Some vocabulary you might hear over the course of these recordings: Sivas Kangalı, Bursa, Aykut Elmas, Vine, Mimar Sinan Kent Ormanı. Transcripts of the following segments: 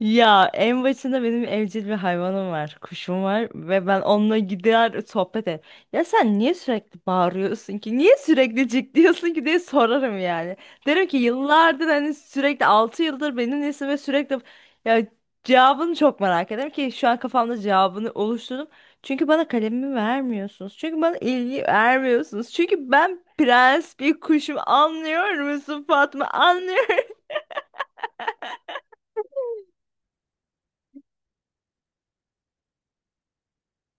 Ya en başında benim evcil bir hayvanım var. Kuşum var ve ben onunla gider sohbet ederim. Ya sen niye sürekli bağırıyorsun ki? Niye sürekli cik diyorsun ki diye sorarım yani. Derim ki yıllardır hani sürekli 6 yıldır benimlesin ve sürekli ya cevabını çok merak ederim ki şu an kafamda cevabını oluşturdum. Çünkü bana kalemimi vermiyorsunuz. Çünkü bana ilgi vermiyorsunuz. Çünkü ben prens bir kuşum, anlıyor musun Fatma? Anlıyor.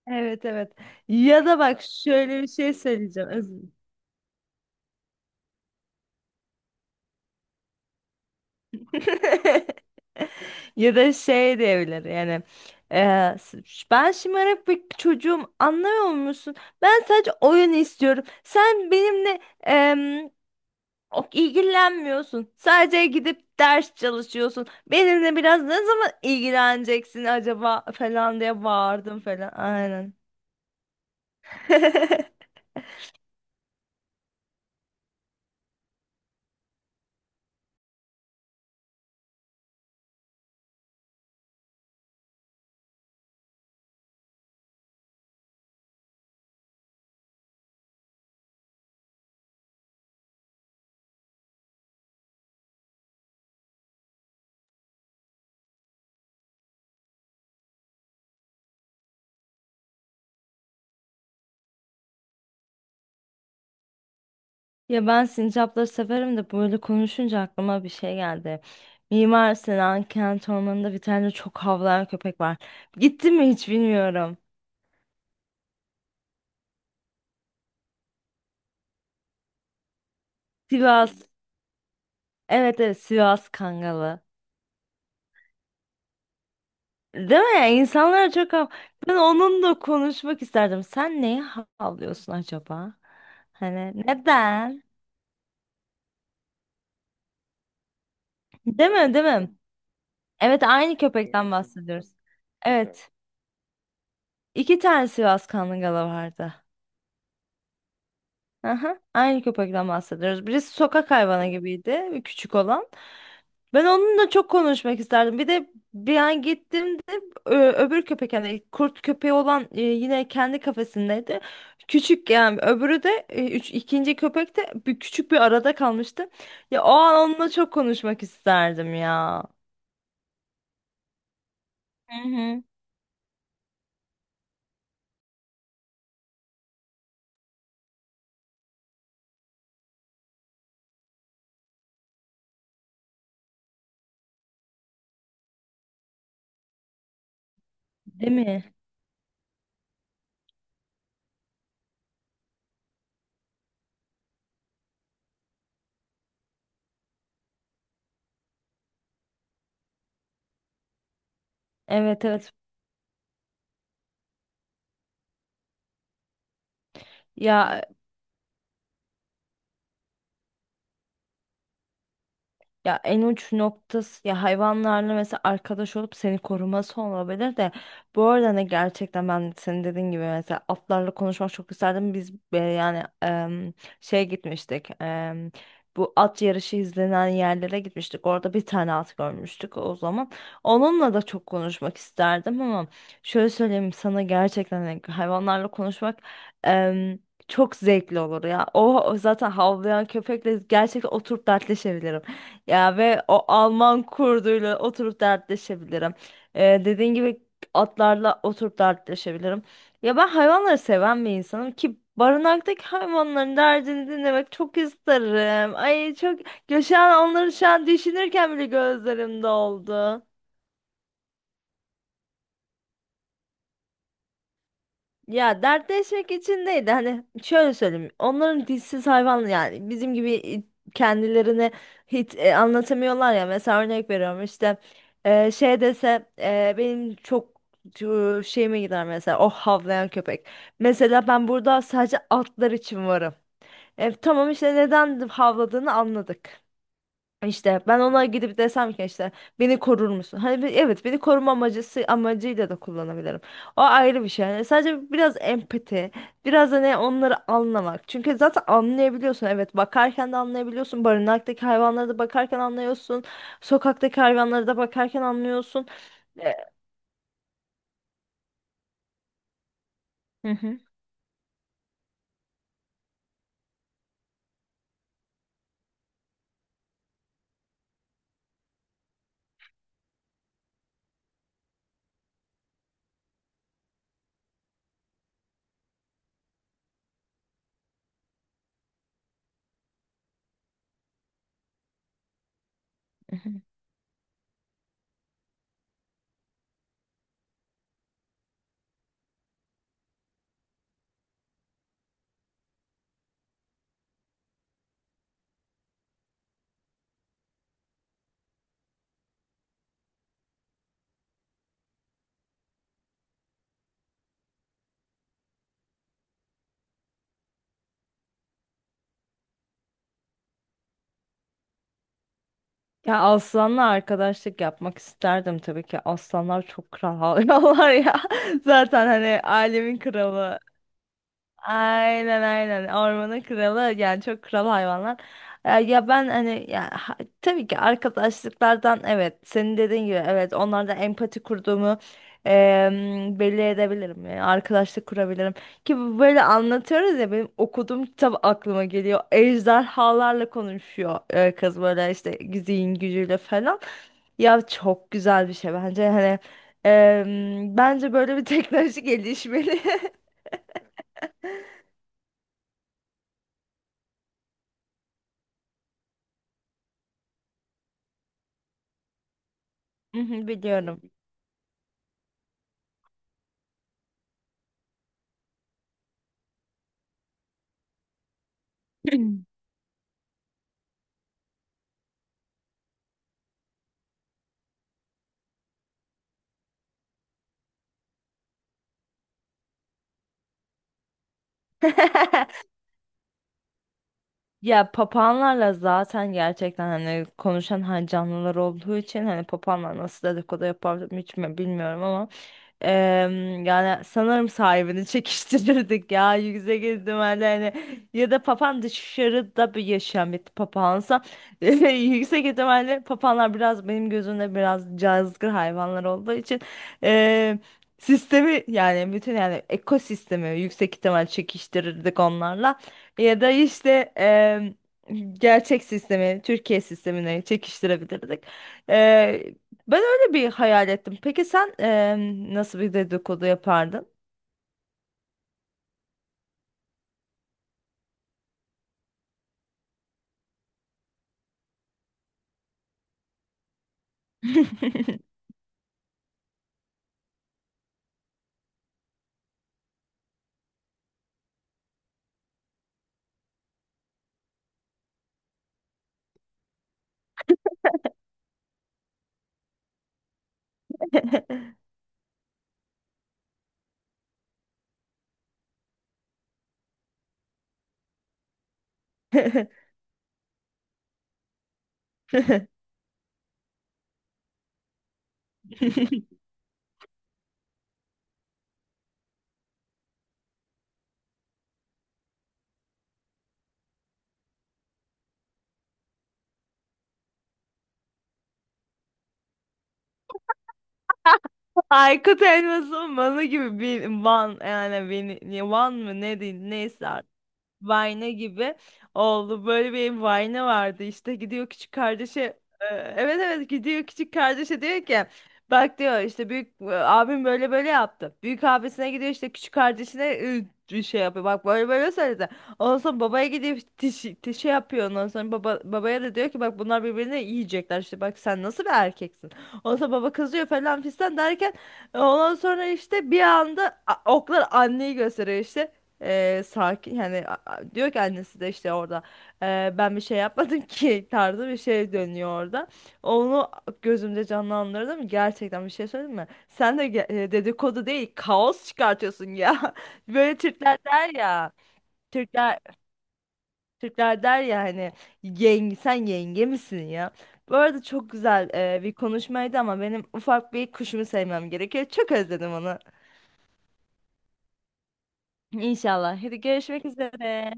Evet, evet. Ya da bak şöyle bir şey söyleyeceğim. Özür dilerim. Ya da şey diyebilir yani. eee, s- Ben şımarık bir çocuğum, anlamıyor musun? Ben sadece oyun istiyorum. Sen benimle ilgilenmiyorsun. Sadece gidip ders çalışıyorsun. Benimle biraz ne zaman ilgileneceksin acaba falan diye bağırdım falan. Aynen. Ya ben sincapları severim de böyle konuşunca aklıma bir şey geldi. Mimar Sinan Kent Ormanı'nda bir tane çok havlayan köpek var. Gitti mi hiç bilmiyorum. Sivas. Evet, evet, Sivas Kangalı. Değil mi? İnsanlara çok hav... Ben onunla konuşmak isterdim. Sen neye havlıyorsun acaba? Hani neden? Değil mi? Değil mi? Evet, aynı köpekten bahsediyoruz. Evet. iki tane Sivas Kangalı vardı. Aha, aynı köpekten bahsediyoruz. Birisi sokak hayvanı gibiydi, küçük olan. Ben onunla çok konuşmak isterdim. Bir de bir an gittiğimde öbür köpek, yani kurt köpeği olan, yine kendi kafesindeydi. Küçük yani öbürü de üç, ikinci köpek de bir, küçük bir arada kalmıştı. Ya o an onunla çok konuşmak isterdim ya. Hı hı. Değil mi? Evet, evet. Ya Ya en uç noktası ya hayvanlarla mesela arkadaş olup seni koruması olabilir de bu arada ne, gerçekten ben senin dediğin gibi mesela atlarla konuşmak çok isterdim. Biz yani şeye gitmiştik. Bu at yarışı izlenen yerlere gitmiştik. Orada bir tane at görmüştük o zaman. Onunla da çok konuşmak isterdim ama şöyle söyleyeyim sana, gerçekten hani hayvanlarla konuşmak em, çok zevkli olur ya. O zaten havlayan köpekle gerçekten oturup dertleşebilirim. Ya ve o Alman kurduyla oturup dertleşebilirim. Dediğin gibi atlarla oturup dertleşebilirim. Ya ben hayvanları seven bir insanım ki barınaktaki hayvanların derdini dinlemek çok isterim. Ay çok, ya şu an onları şu an düşünürken bile gözlerim doldu. Ya dertleşmek için değil de hani şöyle söyleyeyim. Onların dilsiz hayvan yani bizim gibi kendilerini hiç anlatamıyorlar ya. Mesela örnek veriyorum işte şey dese benim çok şeyime gider mesela o havlayan köpek. Mesela ben burada sadece atlar için varım. E, tamam işte, neden havladığını anladık. İşte ben ona gidip desem ki işte beni korur musun? Hani evet, beni koruma amacıyla da kullanabilirim. O ayrı bir şey. Yani sadece biraz empati, biraz da ne, onları anlamak. Çünkü zaten anlayabiliyorsun. Evet, bakarken de anlayabiliyorsun. Barınaktaki hayvanlara da bakarken anlıyorsun. Sokaktaki hayvanlara da bakarken anlıyorsun. E, Hı hı. Hı hı. Ya aslanla arkadaşlık yapmak isterdim tabii ki. Aslanlar çok kral hayvanlar ya. Zaten hani alemin kralı. Aynen, aynen, ormanın kralı yani çok kral hayvanlar. Ya ben hani ya, tabii ki arkadaşlıklardan, evet senin dediğin gibi evet onlardan empati kurduğumu belli edebilirim. Yani arkadaşlık kurabilirim. Ki bu böyle anlatıyoruz ya, benim okuduğum kitap aklıma geliyor. Ejderhalarla konuşuyor kız, böyle işte zihin gücüyle falan. Ya çok güzel bir şey bence, hani bence böyle bir teknoloji gelişmeli. Mhm, biliyorum. Ya papağanlarla zaten gerçekten hani konuşan hani canlılar olduğu için hani papağanlar nasıl dedikodu yapar hiç mi bilmiyorum ama yani sanırım sahibini çekiştirirdik ya yüksek ihtimalle hani ya da papağan dışarıda bir yaşayan bir papağansa yüksek ihtimalle papağanlar biraz benim gözümde biraz cazgır hayvanlar olduğu için em, sistemi yani bütün yani ekosistemi yüksek ihtimal çekiştirirdik onlarla. Ya da işte em, gerçek sistemi, Türkiye sistemine çekiştirebilirdik. Eee, Ben öyle bir hayal ettim. Peki sen nasıl bir dedikodu yapardın? Aykut Elmas'ın Van'ı gibi bir Van, yani beni Van mı ne diyeyim, neyse artık. Vine gibi oldu. Böyle bir Vine vardı, işte gidiyor küçük kardeşe, e, evet evet, gidiyor küçük kardeşe diyor ki bak, diyor, işte büyük abim böyle böyle yaptı. Büyük abisine gidiyor, işte küçük kardeşine bir şey yapıyor. Bak böyle böyle söyledi. Ondan sonra babaya gidiyor, tişi, tişi yapıyor. Ondan sonra baba, babaya da diyor ki bak bunlar birbirini yiyecekler, işte bak sen nasıl bir erkeksin. Ondan sonra baba kızıyor falan fistan derken, ondan sonra işte bir anda oklar anneyi gösteriyor, işte sakin yani, diyor ki annesi de işte orada, Ben bir şey yapmadım ki" tarzı bir şey dönüyor orada. Onu gözümde canlandırdım, gerçekten bir şey söyleyeyim mi? Sen de dedikodu değil, kaos çıkartıyorsun ya. Böyle Türkler der ya, Türkler Türkler der ya hani, yenge sen yenge misin ya? Bu arada çok güzel bir konuşmaydı ama benim ufak bir kuşumu sevmem gerekiyor. Çok özledim onu. İnşallah. Hadi görüşmek üzere.